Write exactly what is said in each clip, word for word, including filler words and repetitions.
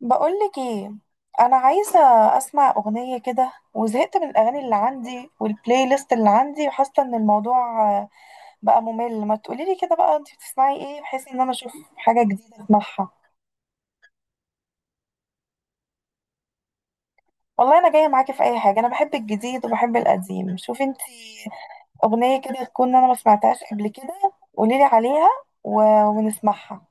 بقولك ايه، انا عايزه اسمع اغنيه كده وزهقت من الاغاني اللي عندي والبلاي ليست اللي عندي وحاسه ان الموضوع آه، بقى ممل. ما تقوليلي كده بقى انت بتسمعي ايه بحيث ان انا اشوف حاجه جديده اسمعها. والله انا جايه معاكي في اي حاجه، انا بحب الجديد وبحب القديم. شوفي انت اغنيه كده تكون انا ما سمعتهاش قبل كده قوليلي عليها و... ونسمعها.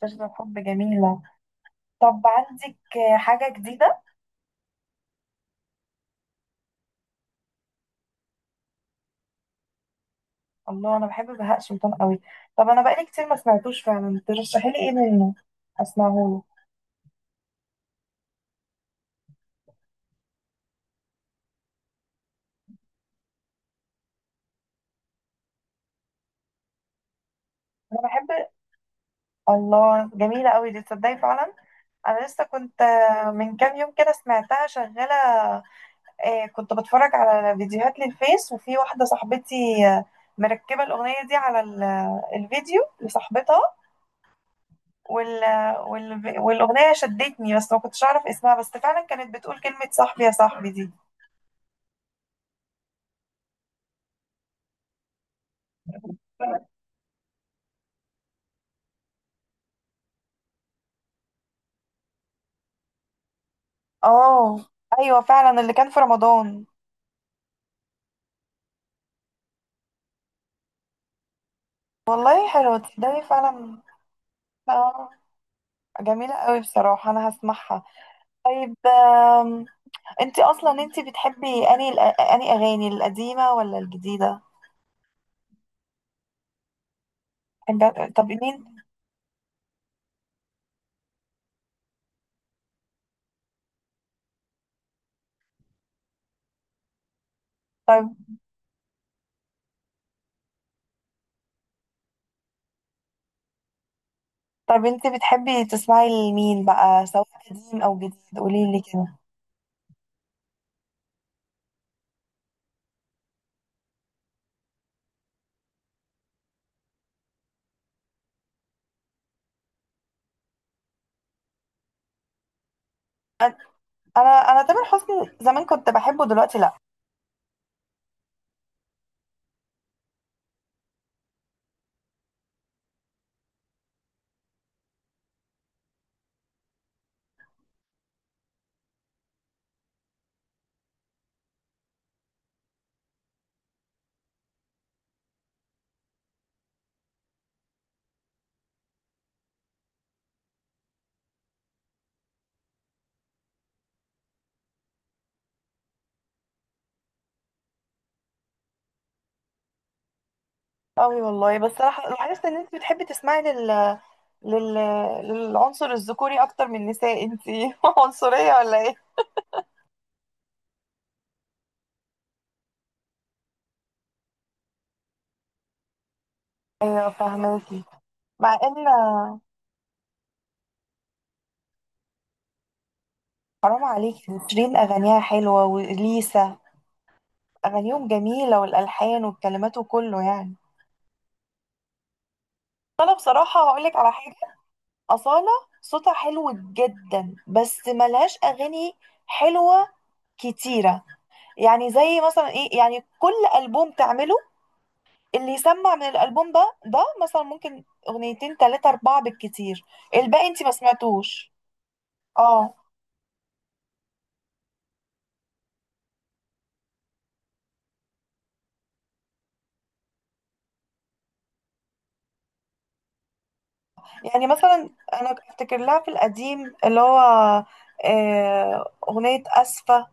تشرب حب جميله. طب عندك آه، حاجه جديده. الله انا بحب بهاء سلطان قوي. طب انا بقالي كتير ما سمعتوش، فعلا ترشحي لي ايه منه اسمعه له. انا بحب. الله جميله قوي دي تصدقي فعلا. انا لسه كنت آه، من كام يوم كده سمعتها شغاله. آه، كنت بتفرج على فيديوهات للفيس، وفي واحده صاحبتي آه، مركبه الاغنيه دي على ال- الفيديو لصاحبتها وال... وال... والاغنيه شدتني بس ما كنتش اعرف اسمها، بس فعلا كانت بتقول كلمه صاحبي يا صاحبي دي. اه، ايوه فعلا اللي كان في رمضان. والله حلوة تصدقي فعلا. آه، جميلة قوي، بصراحة أنا هسمعها. طيب آم، انتي أصلا، انتي بتحبي أني الأ- أني أغاني القديمة ولا الجديدة؟ بتحبي- طب مين؟ طب طب انتي بتحبي تسمعي لمين بقى، سواء قديم أو جديد قوليلي كده. أنا أنا أنا تامر حسني زمان كنت بحبه، دلوقتي لأ. قوي والله. بس لاح- لاحظت إن انتي بتحبي تسمعي لل... لل... للعنصر الذكوري أكتر من النساء. انتي عنصرية ولا ايه؟ ايوه فاهماكي. مع ان حرام عليكي، شيرين اغانيها حلوه وليسا اغانيهم جميله، والالحان والكلمات وكله يعني. فانا بصراحه هقولك على حاجه: اصاله صوتها حلو جدا بس ملهاش اغاني حلوه كتيره. يعني زي مثلا ايه، يعني كل البوم تعمله اللي يسمع من الالبوم ده ده مثلا ممكن اغنيتين تلاتة اربعة بالكتير، الباقي انتي ما سمعتوش. اه، يعني مثلا انا افتكر لها في القديم اللي هو آه، اغنيه اسفه،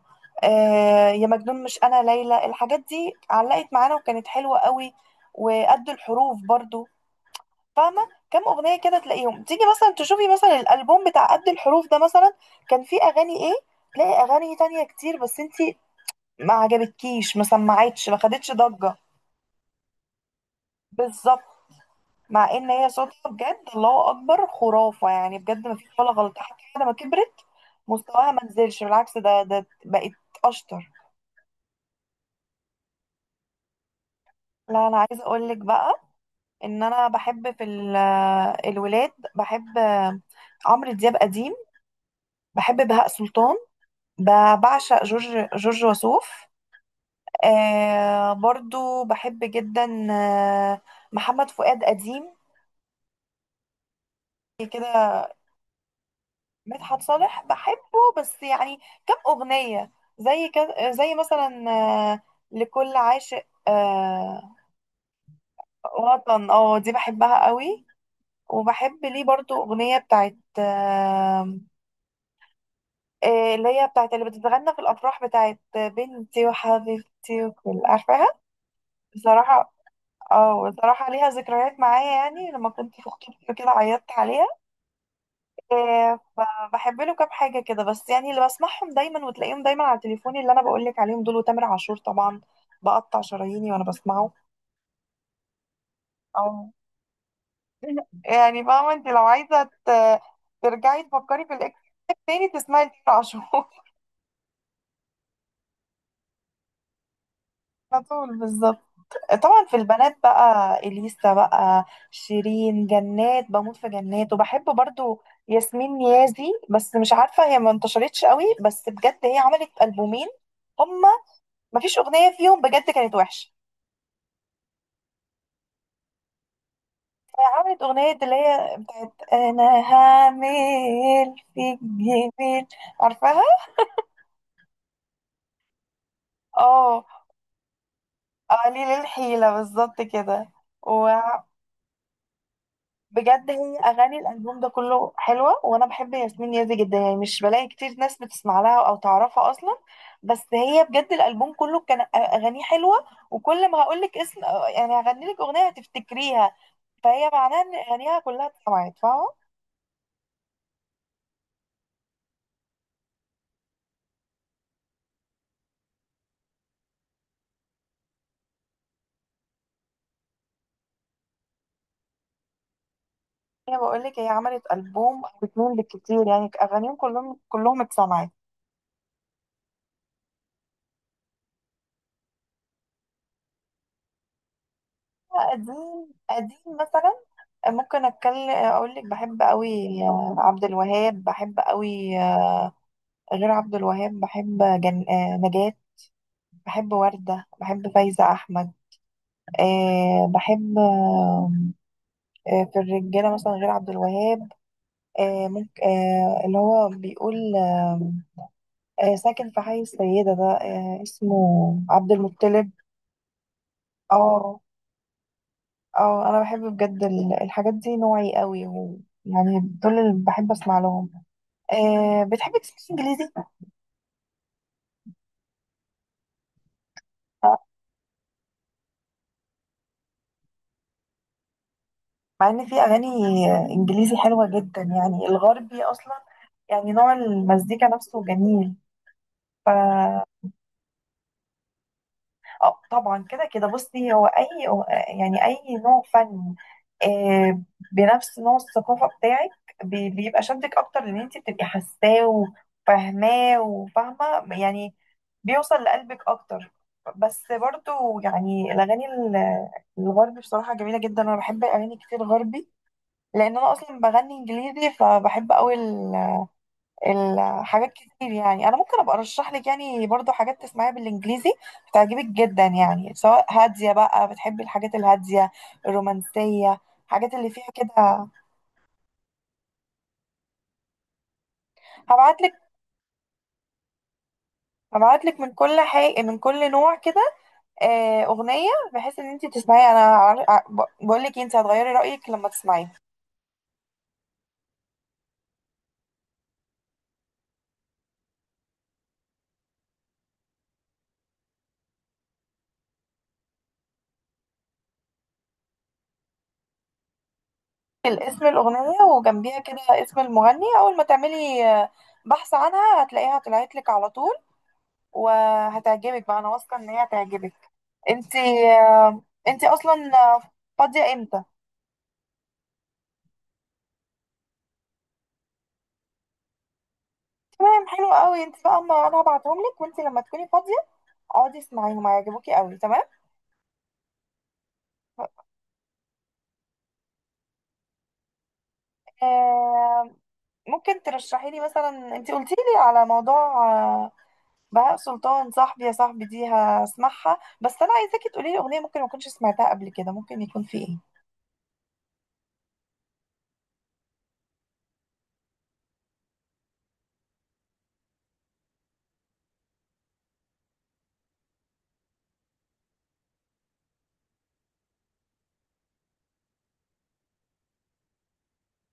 آه، يا مجنون، مش انا ليلى، الحاجات دي علقت معانا وكانت حلوه قوي. وقد الحروف برضو فاهمه، كام اغنيه كده تلاقيهم. تيجي مثلا تشوفي مثلا الالبوم بتاع قد الحروف ده مثلا، كان فيه اغاني ايه؟ تلاقي اغاني تانية كتير بس انتي ما عجبتكيش ما سمعتش ما خدتش ضجه. بالظبط. مع ان هي صوتها بجد الله اكبر خرافه يعني، بجد ما فيش ولا غلطه، حتى بعد ما كبرت مستواها ما نزلش، بالعكس ده ده بقت اشطر. لا انا عايزه اقول لك بقى ان انا بحب في ال- الولاد، بحب عمرو دياب قديم، بحب بهاء سلطان، ب- بعشق جورج جورج وسوف، آه برضو بحب جدا آه، محمد فؤاد قديم كده. مدحت صالح بحبه بس يعني كم أغنية، زي كده زي مثلا آه، لكل عاشق آه، وطن. اه دي بحبها قوي. وبحب ليه برضو أغنية بتاعت آه، آه، اللي هي بتاعت اللي بتتغنى في الأفراح، بتاعت بنتي وحبيبتي وكل عارفاها بصراحة. اه بصراحة ليها ذكريات معايا، يعني لما كنت في خطوبتي كده عيطت عليها. آه، فبحب له كام حاجة كده بس، يعني اللي بسمعهم دايما وتلاقيهم دايما على تليفوني اللي أنا بقولك عليهم دول، وتامر عاشور طبعا بقطع شراييني وأنا بسمعه. أو يعني فاهمة أنت، لو عايزة ت- ترجعي تفكري في الإكس تاني تسمعي تامر عاشور. على طول بالظبط. طبعا في البنات بقى إليسا بقى، شيرين، جنات، بموت في جنات. وبحب برضو ياسمين نيازي بس مش عارفة هي ما انتشرتش قوي. بس بجد هي عملت ألبومين هم، مفيش أغنية فيهم بجد كانت وحشة. فعملت أغنية اللي هي بتاعت أنا هعمل فيك جميل. عارفاها؟ اه، قليل الحيلة بالظبط كده. وبجد هي أغاني الألبوم ده كله حلوة، وأنا بحب ياسمين يازي جدا. يعني مش بلاقي كتير ناس بتسمع لها أو تعرفها أصلا. بس هي بجد الألبوم كله كان أغانيه حلوة، وكل ما هقولك اسم يعني هغنيلك أغنية هتفتكريها. فهي معناها إن أغانيها كلها اتسمعت، فاهمة؟ هي بقول لك، هي عملت ألبوم أو اتنين بالكتير يعني أغانيهم كلهم كلهم اتسمعت. قديم قديم مثلا ممكن أتكلم أقول لك، بحب قوي عبد الوهاب، بحب قوي غير عبد الوهاب، بحب جن... آه، نجاة، بحب وردة، بحب فايزة أحمد. أه بحب آه، آه، في الرجالة مثلا غير عبد الوهاب، أه ممكن، أه اللي هو بيقول أه آه، ساكن في حي السيدة ده، أه اسمه عبد المطلب. اه اه انا بحب بجد ال- الحاجات دي، نوعي قوي و... يعني دول اللي بحب اسمع لهم. أه بتحبي تسمعي انجليزي؟ مع ان في اغاني انجليزي حلوه جدا، يعني الغربي اصلا يعني نوع المزيكا نفسه جميل. اه طبعا، كده كده. بصي، هو اي، يعني اي نوع فن آه، بنفس نوع الثقافه بتاعك بي- بيبقى شدك اكتر، لان انت بتبقي حاساه وفاهماه وفاهمه يعني، بيوصل لقلبك اكتر. بس برضو يعني الاغاني ال- الغربي بصراحه جميله جدا. انا بحب اغاني كتير غربي، لان انا اصلا بغني انجليزي فبحب قوي الحاجات كتير. يعني انا ممكن ابقى ارشح لك يعني برضو حاجات تسمعيها بالانجليزي هتعجبك جدا، يعني سواء هاديه بقى بتحبي الحاجات الهاديه الرومانسيه، الحاجات اللي فيها كده. هبعت لك هبعت لك من كل حي... من كل نوع كده آه، اغنيه، بحيث ان انت تسمعي. انا عار- بقول لك انت هتغيري رايك لما تسمعيها. الاسم الاغنيه وجنبيها كده اسم المغني، اول ما تعملي آه، بحث عنها هتلاقيها طلعت لك على طول وهتعجبك بقى. انا واثقه ان هي هتعجبك انت انت اصلا آه، فاضيه امتى؟ تمام حلو قوي. انت بقى اما انا هبعتهم لك، وانت لما تكوني فاضيه اقعدي اسمعيهم هيعجبوكي قوي. تمام. آه، ممكن ترشحي لي مثلا، انت قلتي لي على موضوع آه، بهاء سلطان صاحبي يا صاحبي دي هسمعها. بس انا عايزاكي تقولي لي اغنيه ممكن ما اكونش سمعتها قبل كده، ممكن يكون في ايه؟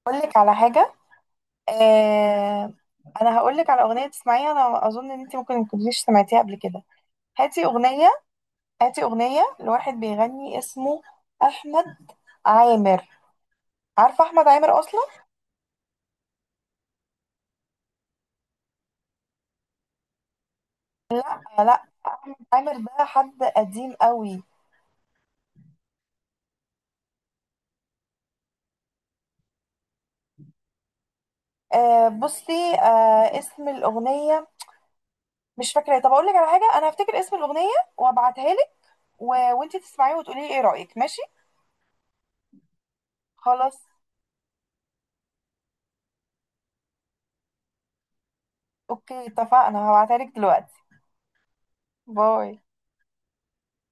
اقول لك على حاجه. آه، انا هقول لك على اغنيه تسمعيها انا اظن ان انت ممكن ما كنتيش سمعتيها قبل كده. هاتي اغنيه، هاتي أغنية لواحد بيغني اسمه أحمد عامر. عارفة أحمد عامر أصلا؟ آه لا، عامر ده حد قديم قوي. آه بصي، آه اسم الأغنية مش فاكرة. طب أقول لك على حاجة، أنا هفتكر اسم الأغنية وأبعتها لك و... وأنتي تسمعيه وتقولي لي إيه رأيك، ماشي؟ خلاص أوكي اتفقنا، هبعتها لك دلوقتي. باي.